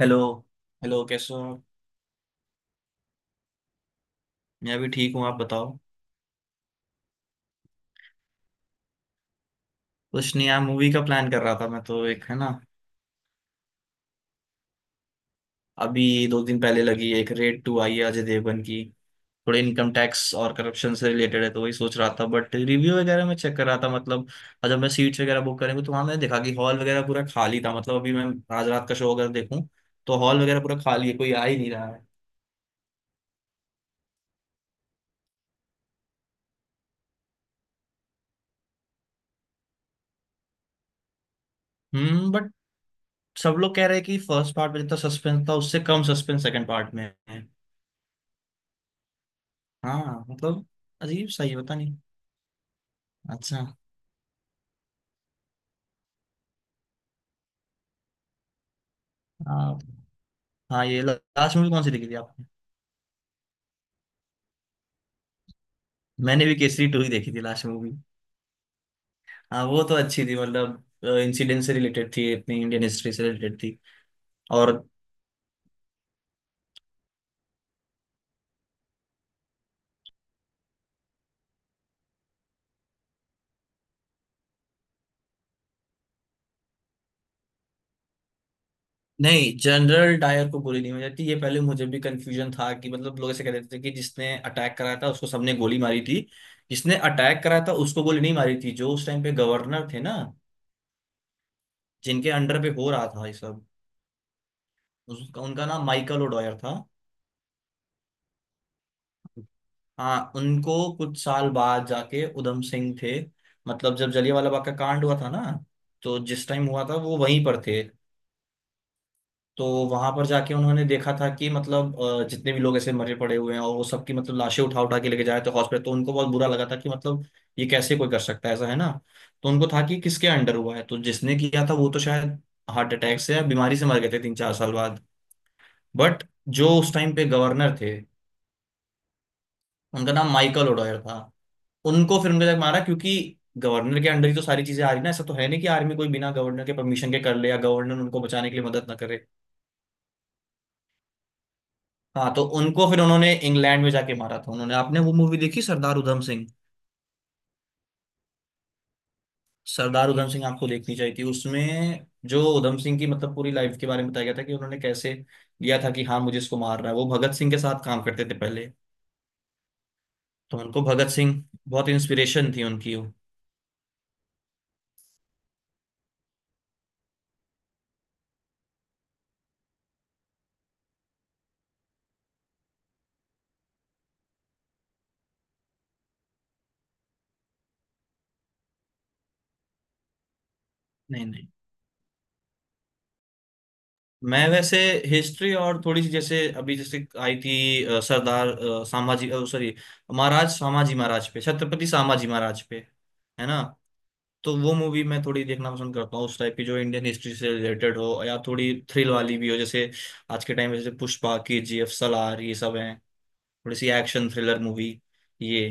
Hello. Hello कैसे हो आप? मैं भी ठीक हूँ, आप बताओ। कुछ नहीं यार, मूवी का प्लान कर रहा था मैं तो, एक है ना। अभी दो दिन पहले लगी एक रेड टू आई है अजय देवगन की। थोड़े इनकम टैक्स और करप्शन से रिलेटेड है, तो वही सोच रहा था बट रिव्यू वगैरह मैं चेक कर रहा था मतलब। और जब मैं सीट्स वगैरह बुक करेंगे तो वहां मैंने देखा कि हॉल वगैरह पूरा खाली था मतलब। अभी मैं आज रात का शो अगर देखूँ तो हॉल वगैरह पूरा खाली है, कोई आ ही नहीं रहा है। हम्म। बट सब लोग कह रहे हैं कि फर्स्ट पार्ट में जितना सस्पेंस था उससे कम सस्पेंस सेकंड पार्ट में है। हाँ मतलब अजीब सही है, पता नहीं। अच्छा। आप? हाँ, ये लास्ट मूवी कौन सी देखी थी आपने? मैंने भी केसरी टू ही देखी थी लास्ट मूवी। हाँ वो तो अच्छी थी मतलब, इंसिडेंट से रिलेटेड थी, अपनी इंडियन हिस्ट्री से रिलेटेड थी। और नहीं, जनरल डायर को गोली नहीं मारी जाती, ये पहले मुझे भी कंफ्यूजन था कि मतलब लोग ऐसे कह देते थे कि जिसने अटैक कराया था उसको सबने गोली मारी थी। जिसने अटैक कराया था उसको गोली नहीं मारी थी। जो उस टाइम पे गवर्नर थे ना, जिनके अंडर पे हो रहा था ये सब, उसका उनका नाम माइकल ओडॉयर था। हाँ, उनको कुछ साल बाद जाके उधम सिंह थे। मतलब, जब जलियांवाला बाग का कांड हुआ था ना, तो जिस टाइम हुआ था वो वहीं पर थे। तो वहां पर जाके उन्होंने देखा था कि मतलब जितने भी लोग ऐसे मरे पड़े हुए हैं, और वो सबकी मतलब लाशें उठा उठा के लेके जा रहे थे हॉस्पिटल, तो उनको बहुत बुरा लगा था कि मतलब ये कैसे कोई कर सकता है ऐसा, है ना। तो उनको था कि किसके अंडर हुआ है, तो जिसने किया था वो तो शायद हार्ट अटैक से या बीमारी से मर गए थे तीन चार साल बाद। बट जो उस टाइम पे गवर्नर थे, उनका नाम माइकल ओडॉयर था। उनको फिर उनके तक मारा, क्योंकि गवर्नर के अंडर ही तो सारी चीजें आ रही ना, ऐसा तो है नहीं कि आर्मी कोई बिना गवर्नर के परमिशन के कर ले या गवर्नर उनको बचाने के लिए मदद ना करे। हाँ, तो उनको फिर उन्होंने इंग्लैंड में जाके मारा था उन्होंने। आपने वो मूवी देखी सरदार उधम सिंह? सरदार उधम सिंह आपको देखनी चाहिए थी। उसमें जो उधम सिंह की मतलब पूरी लाइफ के बारे में बताया गया था कि उन्होंने कैसे लिया था कि हाँ मुझे इसको मारना है। वो भगत सिंह के साथ काम करते थे पहले, तो उनको भगत सिंह बहुत इंस्पिरेशन थी, उनकी वो। नहीं नहीं, मैं वैसे हिस्ट्री और थोड़ी सी, जैसे अभी जैसे आई थी सरदार सामाजी सॉरी महाराज, सामाजी महाराज पे, छत्रपति सामाजी महाराज पे, है ना। तो वो मूवी मैं थोड़ी देखना पसंद करता हूँ उस टाइप की, जो इंडियन हिस्ट्री से रिलेटेड हो या थोड़ी थ्रिल वाली भी हो, जैसे आज के टाइम में जैसे पुष्पा, के जी एफ, सलार, ये सब हैं। थोड़ी सी एक्शन थ्रिलर मूवी ये।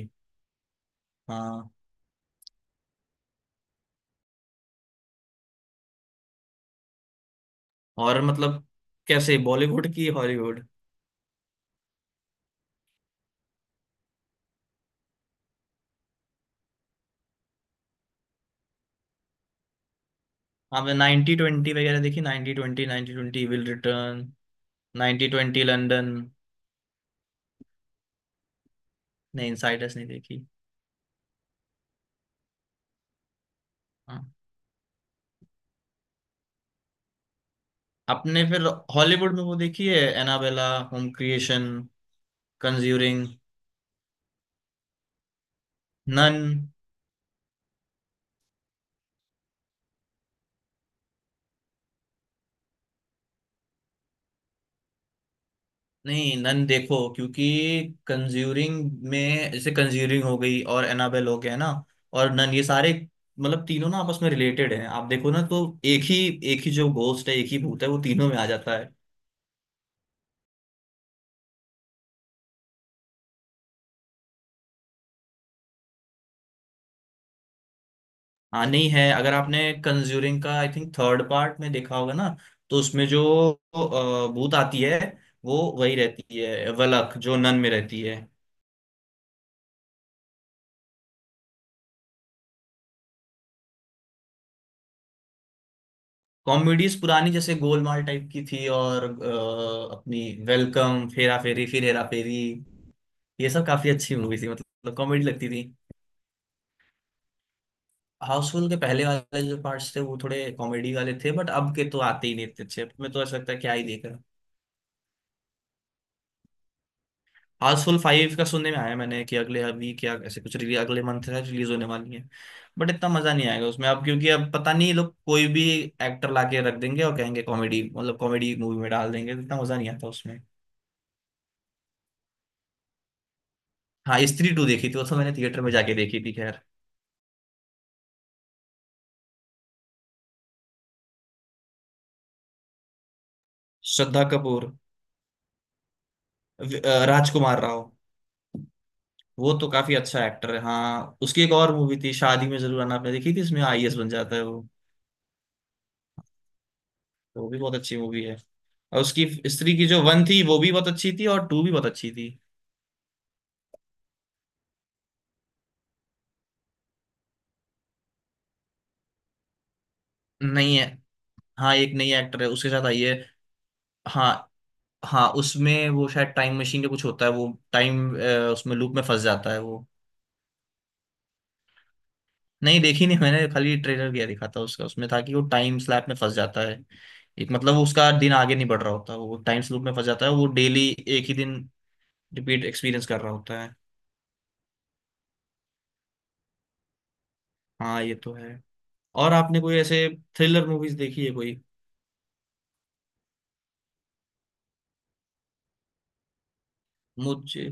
हाँ, और मतलब कैसे, बॉलीवुड की हॉलीवुड? आपने नाइनटी ट्वेंटी वगैरह देखी? Ninety twenty, ninety twenty will return, ninety twenty London. नहीं, इनसाइडर्स नहीं देखी। हाँ, आपने फिर हॉलीवुड में वो देखी है, Annabelle, home creation, Conjuring, Nun? नहीं, नन देखो, क्योंकि कंज्यूरिंग में जैसे कंज्यूरिंग हो गई और एनाबेल हो गया ना, और नन, ये सारे मतलब तीनों ना आपस में रिलेटेड हैं। आप देखो ना तो एक ही जो घोस्ट है, एक ही भूत है, वो तीनों में आ जाता है। हाँ नहीं है, अगर आपने कंज्यूरिंग का आई थिंक थर्ड पार्ट में देखा होगा ना, तो उसमें जो भूत आती है, वो वही रहती है, वलक, जो नन में रहती है। कॉमेडीज पुरानी जैसे गोलमाल टाइप की थी, और अपनी वेलकम फेरा फेरी, फिर हेरा फेरी, ये सब काफी अच्छी मूवी थी मतलब, कॉमेडी लगती थी। हाउसफुल के पहले वाले जो पार्ट्स थे वो थोड़े कॉमेडी वाले थे, बट अब के तो आते ही नहीं इतने अच्छे, अब में तो ऐसा लगता है क्या ही देख। हाउसफुल फाइव का सुनने में आया मैंने कि अगले वीक या ऐसे कुछ रिलीज, अगले मंथ है रिलीज होने वाली है। बट इतना मजा नहीं आएगा उसमें अब, क्योंकि अब पता नहीं ये लोग कोई भी एक्टर लाके रख देंगे और कहेंगे कॉमेडी, मतलब कॉमेडी मूवी में डाल देंगे, तो इतना मजा नहीं आता उसमें। हाँ, स्त्री टू देखी थी, वो तो मैंने थिएटर में जाके देखी थी खैर। श्रद्धा कपूर। राजकुमार राव। वो तो काफी अच्छा एक्टर है। हाँ, उसकी एक और मूवी थी शादी में जरूर आना, आपने देखी थी? इसमें आईएएस बन जाता है वो। वो भी बहुत अच्छी मूवी है। और उसकी स्त्री की जो वन थी वो भी बहुत अच्छी थी, और टू भी बहुत अच्छी थी। नहीं है। हाँ, एक नई एक्टर है उसके साथ आई है। हाँ, हाँ उसमें वो शायद टाइम मशीन का कुछ होता है, वो टाइम उसमें लूप में फंस जाता है वो। नहीं, देखी नहीं मैंने, खाली ट्रेलर गया दिखा था उसका, उसमें था कि वो टाइम स्लैप में फंस जाता है, एक मतलब उसका दिन आगे नहीं बढ़ रहा होता, वो टाइम लूप में फंस जाता है, वो डेली एक ही दिन रिपीट एक्सपीरियंस कर रहा होता है। हाँ ये तो है। और आपने कोई ऐसे थ्रिलर मूवीज देखी है कोई? मुझे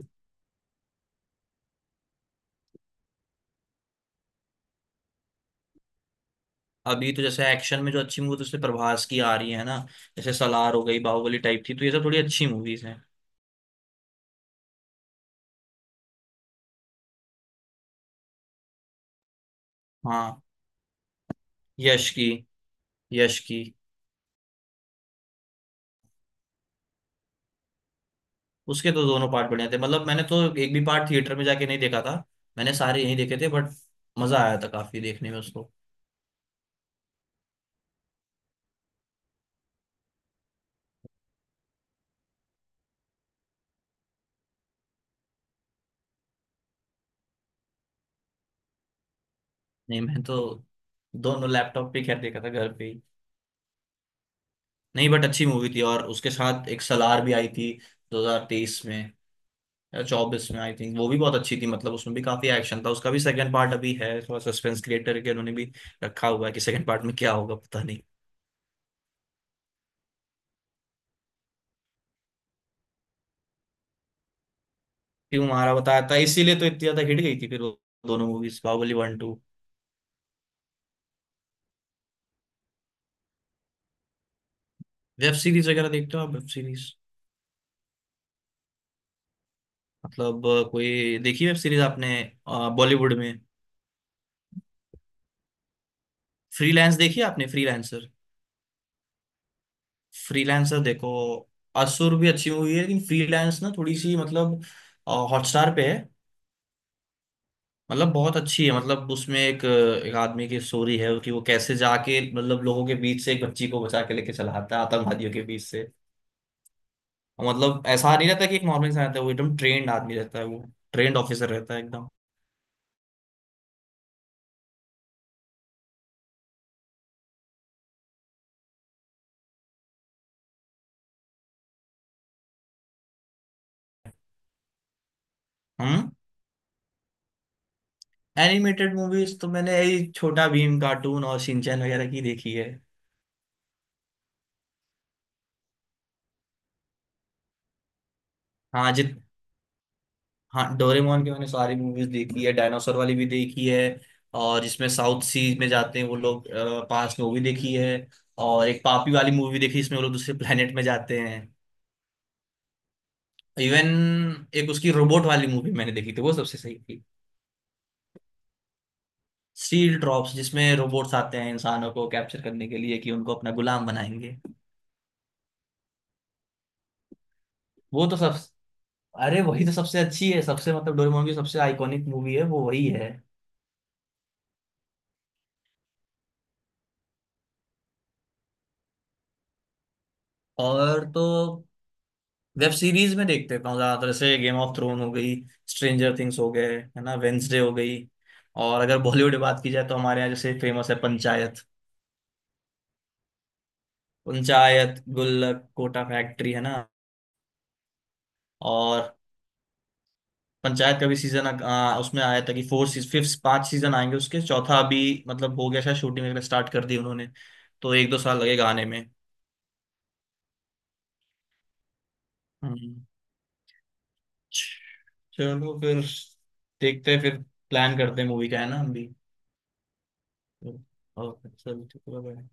अभी तो जैसे एक्शन में जो अच्छी मूवी, तो जैसे प्रभास की आ रही है ना, जैसे सलार हो गई, बाहुबली टाइप थी, तो ये सब थोड़ी अच्छी मूवीज हैं। हाँ, यश की यश की उसके तो दोनों पार्ट बढ़िया थे, मतलब मैंने तो एक भी पार्ट थिएटर में जाके नहीं देखा था। मैंने सारे यहीं देखे थे, बट मजा आया था काफी देखने में उसको। नहीं मैं तो दोनों लैपटॉप पे खैर देखा था, घर पे ही। नहीं, बट अच्छी मूवी थी, और उसके साथ एक सलार भी आई थी 2023 में, जॉब्स में आई थिंक, वो भी बहुत अच्छी थी मतलब, उसमें भी काफी एक्शन था। उसका भी सेकंड पार्ट अभी है, थोड़ा सस्पेंस क्रिएट करके उन्होंने भी रखा हुआ है कि सेकंड पार्ट में क्या होगा पता नहीं। क्यों हमारा बताया था, इसीलिए तो इतनी ज्यादा हिट गई थी फिर वो, दोनों movies Baahubali one two. Web series वगैरह देखते हो आप, वेब सीरीज? मतलब कोई देखी वेब सीरीज आपने बॉलीवुड में? फ्रीलांस देखी आपने, फ्रीलांसर? फ्रीलांसर देखो, असुर भी अच्छी मूवी है, लेकिन फ्रीलांस ना थोड़ी सी मतलब, हॉटस्टार पे है, मतलब बहुत अच्छी है मतलब, उसमें एक एक आदमी की स्टोरी है कि वो कैसे जाके मतलब लोगों के बीच से एक बच्ची को बचा के लेके चला आता है आतंकवादियों के बीच से, और मतलब ऐसा नहीं रहता कि एक नॉर्मल इंसान रहता है, वो एकदम ट्रेंड आदमी रहता है वो, ट्रेंड ऑफिसर रहता है एकदम। हम। एनिमेटेड मूवीज तो मैंने यही छोटा भीम कार्टून और शिनचैन वगैरह की देखी है। हाँ जित। हाँ, डोरेमोन की मैंने सारी मूवीज देखी है, डायनासोर वाली भी देखी है, और जिसमें साउथ सीज में जाते हैं वो लोग पास में वो भी देखी है, और एक पापी वाली मूवी देखी जिसमें वो लोग दूसरे planet में जाते हैं। इवन एक उसकी रोबोट वाली मूवी मैंने देखी थी, वो सबसे सही थी। स्टील ड्रॉप्स, जिसमें रोबोट्स आते हैं इंसानों को कैप्चर करने के लिए कि उनको अपना गुलाम बनाएंगे। वो तो सब, अरे वही तो सबसे अच्छी है, सबसे मतलब डोरेमोन की सबसे आइकॉनिक मूवी है वो, वही है। और तो वेब सीरीज में देख लेता हूँ ज्यादातर से, गेम ऑफ थ्रोन हो गई, स्ट्रेंजर थिंग्स हो गए, है ना, वेंसडे हो गई। और अगर बॉलीवुड बात की जाए तो हमारे यहाँ जैसे फेमस है पंचायत। पंचायत, गुल्लक, कोटा फैक्ट्री, है ना। और पंचायत का भी सीजन उसमें आया था कि फोर फिफ्थ पांच सीजन आएंगे उसके, चौथा अभी मतलब हो गया शायद, शूटिंग वगैरह स्टार्ट कर दी उन्होंने, तो एक दो साल लगेगा आने में। हम्म। चलो फिर देखते हैं फिर, प्लान करते हैं मूवी का, है ना, हम भी। ओके चलो ठीक है bye।